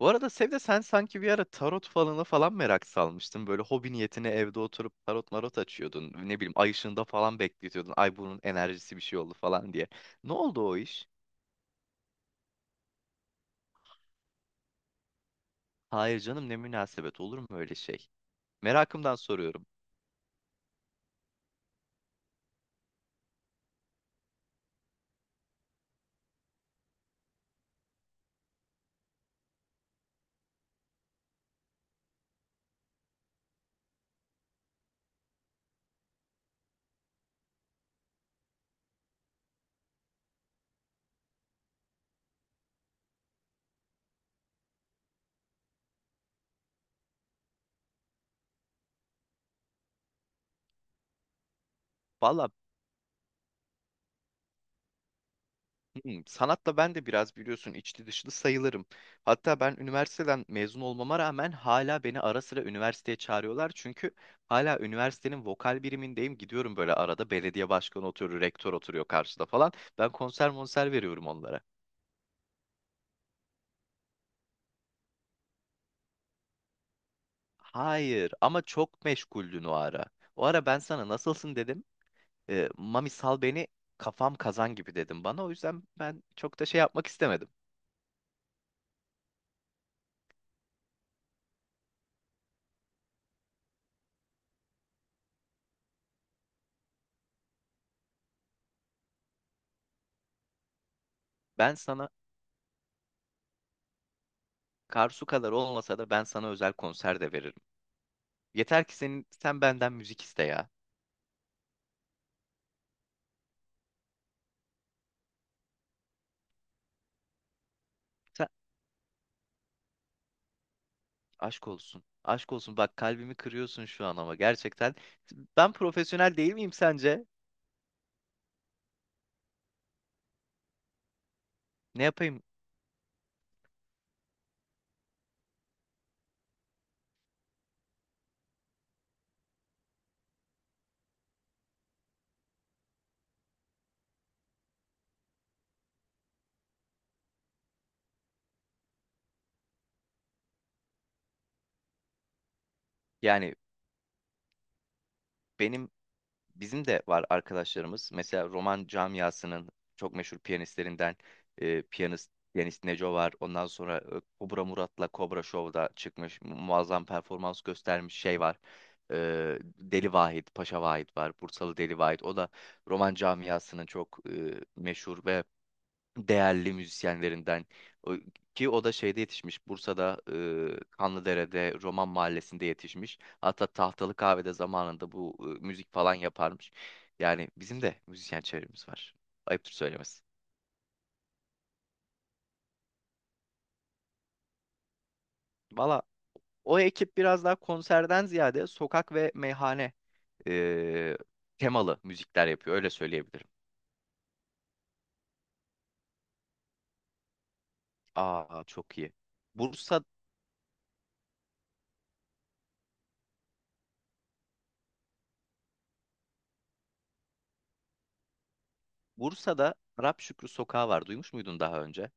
Bu arada Sevde sen sanki bir ara tarot falanı falan merak salmıştın. Böyle hobi niyetine evde oturup tarot marot açıyordun. Ne bileyim ay ışığında falan bekletiyordun. Ay bunun enerjisi bir şey oldu falan diye. Ne oldu o iş? Hayır canım, ne münasebet, olur mu öyle şey? Merakımdan soruyorum. Valla. Hmm, sanatla ben de biraz biliyorsun içli dışlı sayılırım. Hatta ben üniversiteden mezun olmama rağmen hala beni ara sıra üniversiteye çağırıyorlar. Çünkü hala üniversitenin vokal birimindeyim. Gidiyorum, böyle arada belediye başkanı oturuyor, rektör oturuyor karşıda falan. Ben konser monser veriyorum onlara. Hayır ama çok meşguldün o ara. O ara ben sana nasılsın dedim. Mami sal beni, kafam kazan gibi dedim bana. O yüzden ben çok da şey yapmak istemedim. Ben sana Karsu kadar olmasa da ben sana özel konser de veririm. Yeter ki senin sen benden müzik iste ya. Sen, Aşk olsun. Aşk olsun. Bak kalbimi kırıyorsun şu an ama gerçekten. Ben profesyonel değil miyim sence? Ne yapayım? Yani benim bizim de var arkadaşlarımız. Mesela roman camiasının çok meşhur piyanistlerinden piyanist Deniz Neco var. Ondan sonra Kobra Murat'la Kobra Show'da çıkmış. Muazzam performans göstermiş şey var. E, Deli Vahit, Paşa Vahit var. Bursalı Deli Vahit. O da roman camiasının çok meşhur ve değerli müzisyenlerinden. O- Ki o da şeyde yetişmiş, Bursa'da Kanlıdere'de Roman Mahallesi'nde yetişmiş, hatta Tahtalı Kahve'de zamanında bu müzik falan yaparmış. Yani bizim de müzisyen çevremiz var, ayıptır söylemesi. Valla, o ekip biraz daha konserden ziyade sokak ve meyhane e, temalı müzikler yapıyor, öyle söyleyebilirim. Aa, çok iyi. Bursa, Bursa'da Arap Şükrü Sokağı var, duymuş muydun daha önce?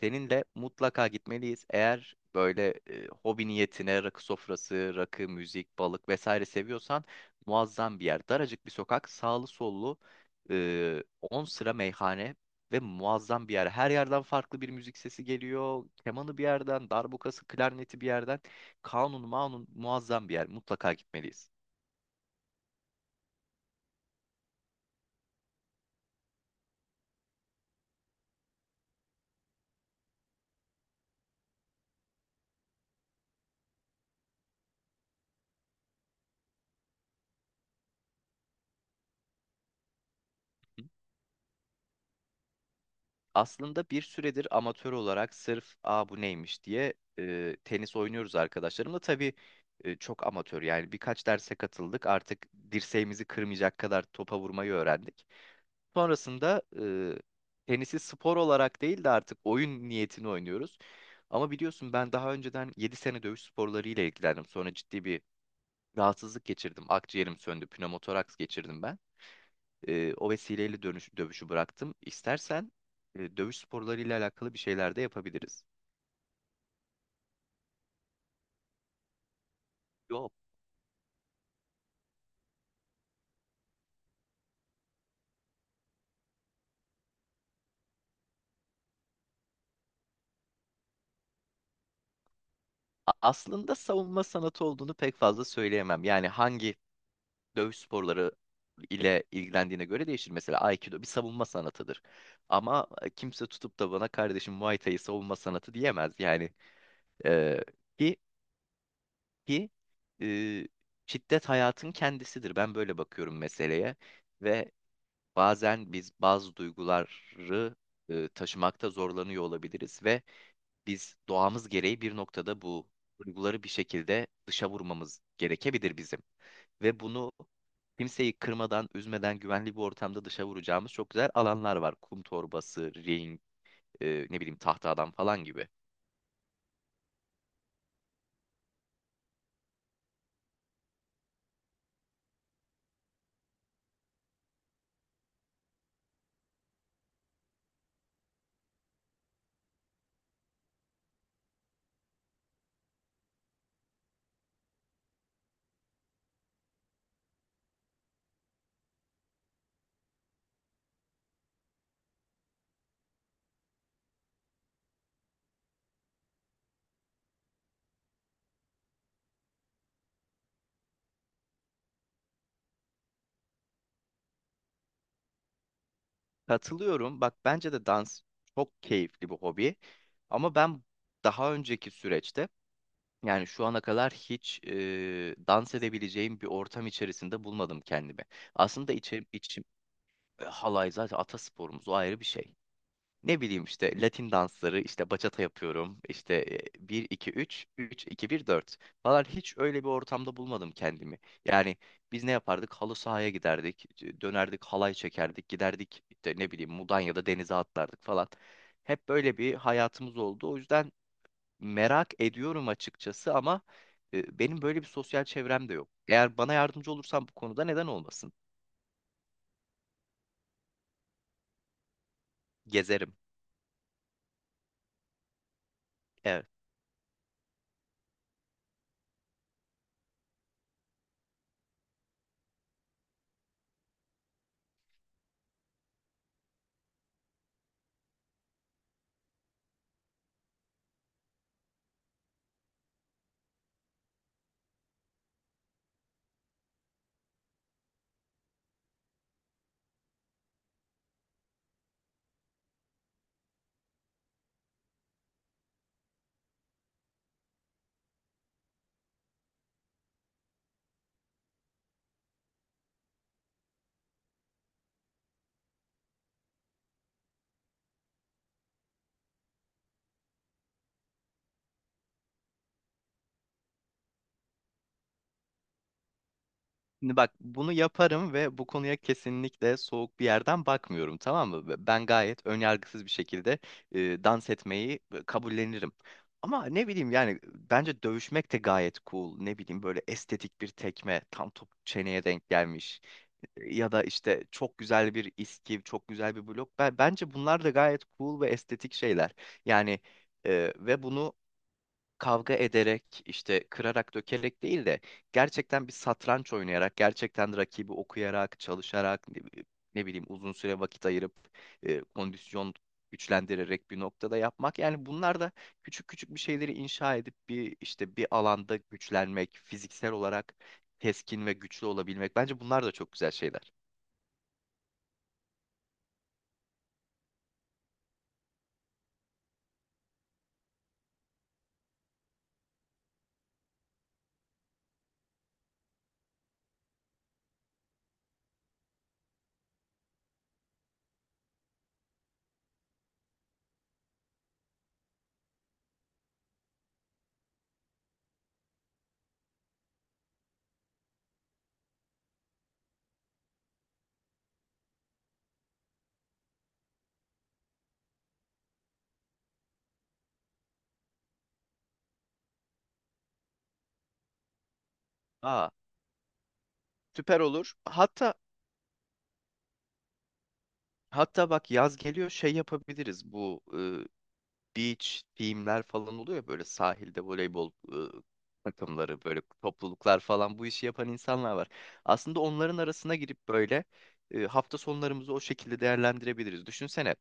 Seninle mutlaka gitmeliyiz. Eğer böyle hobi niyetine rakı sofrası, rakı, müzik, balık vesaire seviyorsan, muazzam bir yer. Daracık bir sokak, sağlı sollu 10 sıra meyhane ve muazzam bir yer. Her yerden farklı bir müzik sesi geliyor. Kemanı bir yerden, darbukası, klarneti bir yerden. Kanun, manun, muazzam bir yer. Mutlaka gitmeliyiz. Aslında bir süredir amatör olarak sırf aa bu neymiş diye tenis oynuyoruz arkadaşlarımla. Tabii çok amatör, yani birkaç derse katıldık. Artık dirseğimizi kırmayacak kadar topa vurmayı öğrendik. Sonrasında tenisi spor olarak değil de artık oyun niyetini oynuyoruz. Ama biliyorsun ben daha önceden 7 sene dövüş sporlarıyla ilgilendim. Sonra ciddi bir rahatsızlık geçirdim. Akciğerim söndü, pnömotoraks geçirdim ben. O vesileyle dövüşü bıraktım. İstersen dövüş sporlarıyla alakalı bir şeyler de yapabiliriz. Yok. Aslında savunma sanatı olduğunu pek fazla söyleyemem. Yani hangi dövüş sporları ile ilgilendiğine göre değişir. Mesela Aikido bir savunma sanatıdır. Ama kimse tutup da bana kardeşim Muay Thai savunma sanatı diyemez. Yani e, ki ki e, şiddet hayatın kendisidir. Ben böyle bakıyorum meseleye. Ve bazen biz bazı duyguları taşımakta zorlanıyor olabiliriz ve biz doğamız gereği bir noktada bu duyguları bir şekilde dışa vurmamız gerekebilir bizim. Ve bunu kimseyi kırmadan, üzmeden güvenli bir ortamda dışa vuracağımız çok güzel alanlar var. Kum torbası, ring, ne bileyim tahta adam falan gibi. Katılıyorum. Bak bence de dans çok keyifli bir hobi. Ama ben daha önceki süreçte, yani şu ana kadar hiç dans edebileceğim bir ortam içerisinde bulmadım kendimi. Aslında içim, içim. Halay zaten atasporumuz, o ayrı bir şey. Ne bileyim işte Latin dansları, işte bachata yapıyorum, işte bir iki üç üç iki bir dört falan, hiç öyle bir ortamda bulmadım kendimi. Yani biz ne yapardık? Halı sahaya giderdik, dönerdik halay çekerdik, giderdik işte ne bileyim Mudanya'da denize atlardık falan. Hep böyle bir hayatımız oldu. O yüzden merak ediyorum açıkçası ama benim böyle bir sosyal çevrem de yok. Eğer bana yardımcı olursan bu konuda, neden olmasın? Gezerim. Evet. Şimdi bak, bunu yaparım ve bu konuya kesinlikle soğuk bir yerden bakmıyorum, tamam mı? Ve ben gayet önyargısız bir şekilde dans etmeyi kabullenirim. Ama ne bileyim yani, bence dövüşmek de gayet cool. Ne bileyim, böyle estetik bir tekme tam top çeneye denk gelmiş. Ya da işte çok güzel bir iskiv, çok güzel bir blok. Bence bunlar da gayet cool ve estetik şeyler. Yani ve bunu kavga ederek, işte kırarak dökerek değil de gerçekten bir satranç oynayarak, gerçekten rakibi okuyarak, çalışarak, ne bileyim uzun süre vakit ayırıp kondisyon güçlendirerek bir noktada yapmak. Yani bunlar da küçük küçük bir şeyleri inşa edip bir işte bir alanda güçlenmek, fiziksel olarak keskin ve güçlü olabilmek, bence bunlar da çok güzel şeyler. Aa, süper olur. Hatta hatta bak, yaz geliyor, şey yapabiliriz, bu beach team'ler falan oluyor ya, böyle sahilde voleybol takımları, böyle topluluklar falan, bu işi yapan insanlar var. Aslında onların arasına girip böyle hafta sonlarımızı o şekilde değerlendirebiliriz. Düşünsene,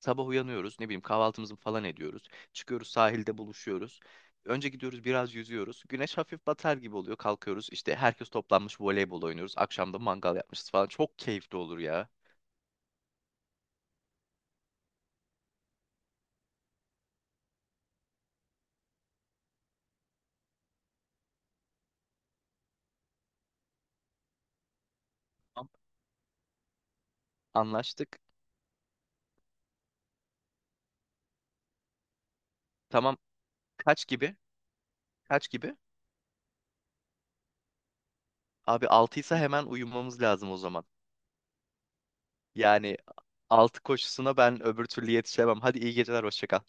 sabah uyanıyoruz, ne bileyim kahvaltımızı falan ediyoruz. Çıkıyoruz, sahilde buluşuyoruz. Önce gidiyoruz biraz yüzüyoruz. Güneş hafif batar gibi oluyor. Kalkıyoruz, işte herkes toplanmış voleybol oynuyoruz. Akşamda mangal yapmışız falan. Çok keyifli olur ya. Tamam. Anlaştık. Tamam. Kaç gibi? Kaç gibi? Abi 6'ysa hemen uyumamız lazım o zaman. Yani 6 koşusuna ben öbür türlü yetişemem. Hadi iyi geceler, hoşça kal.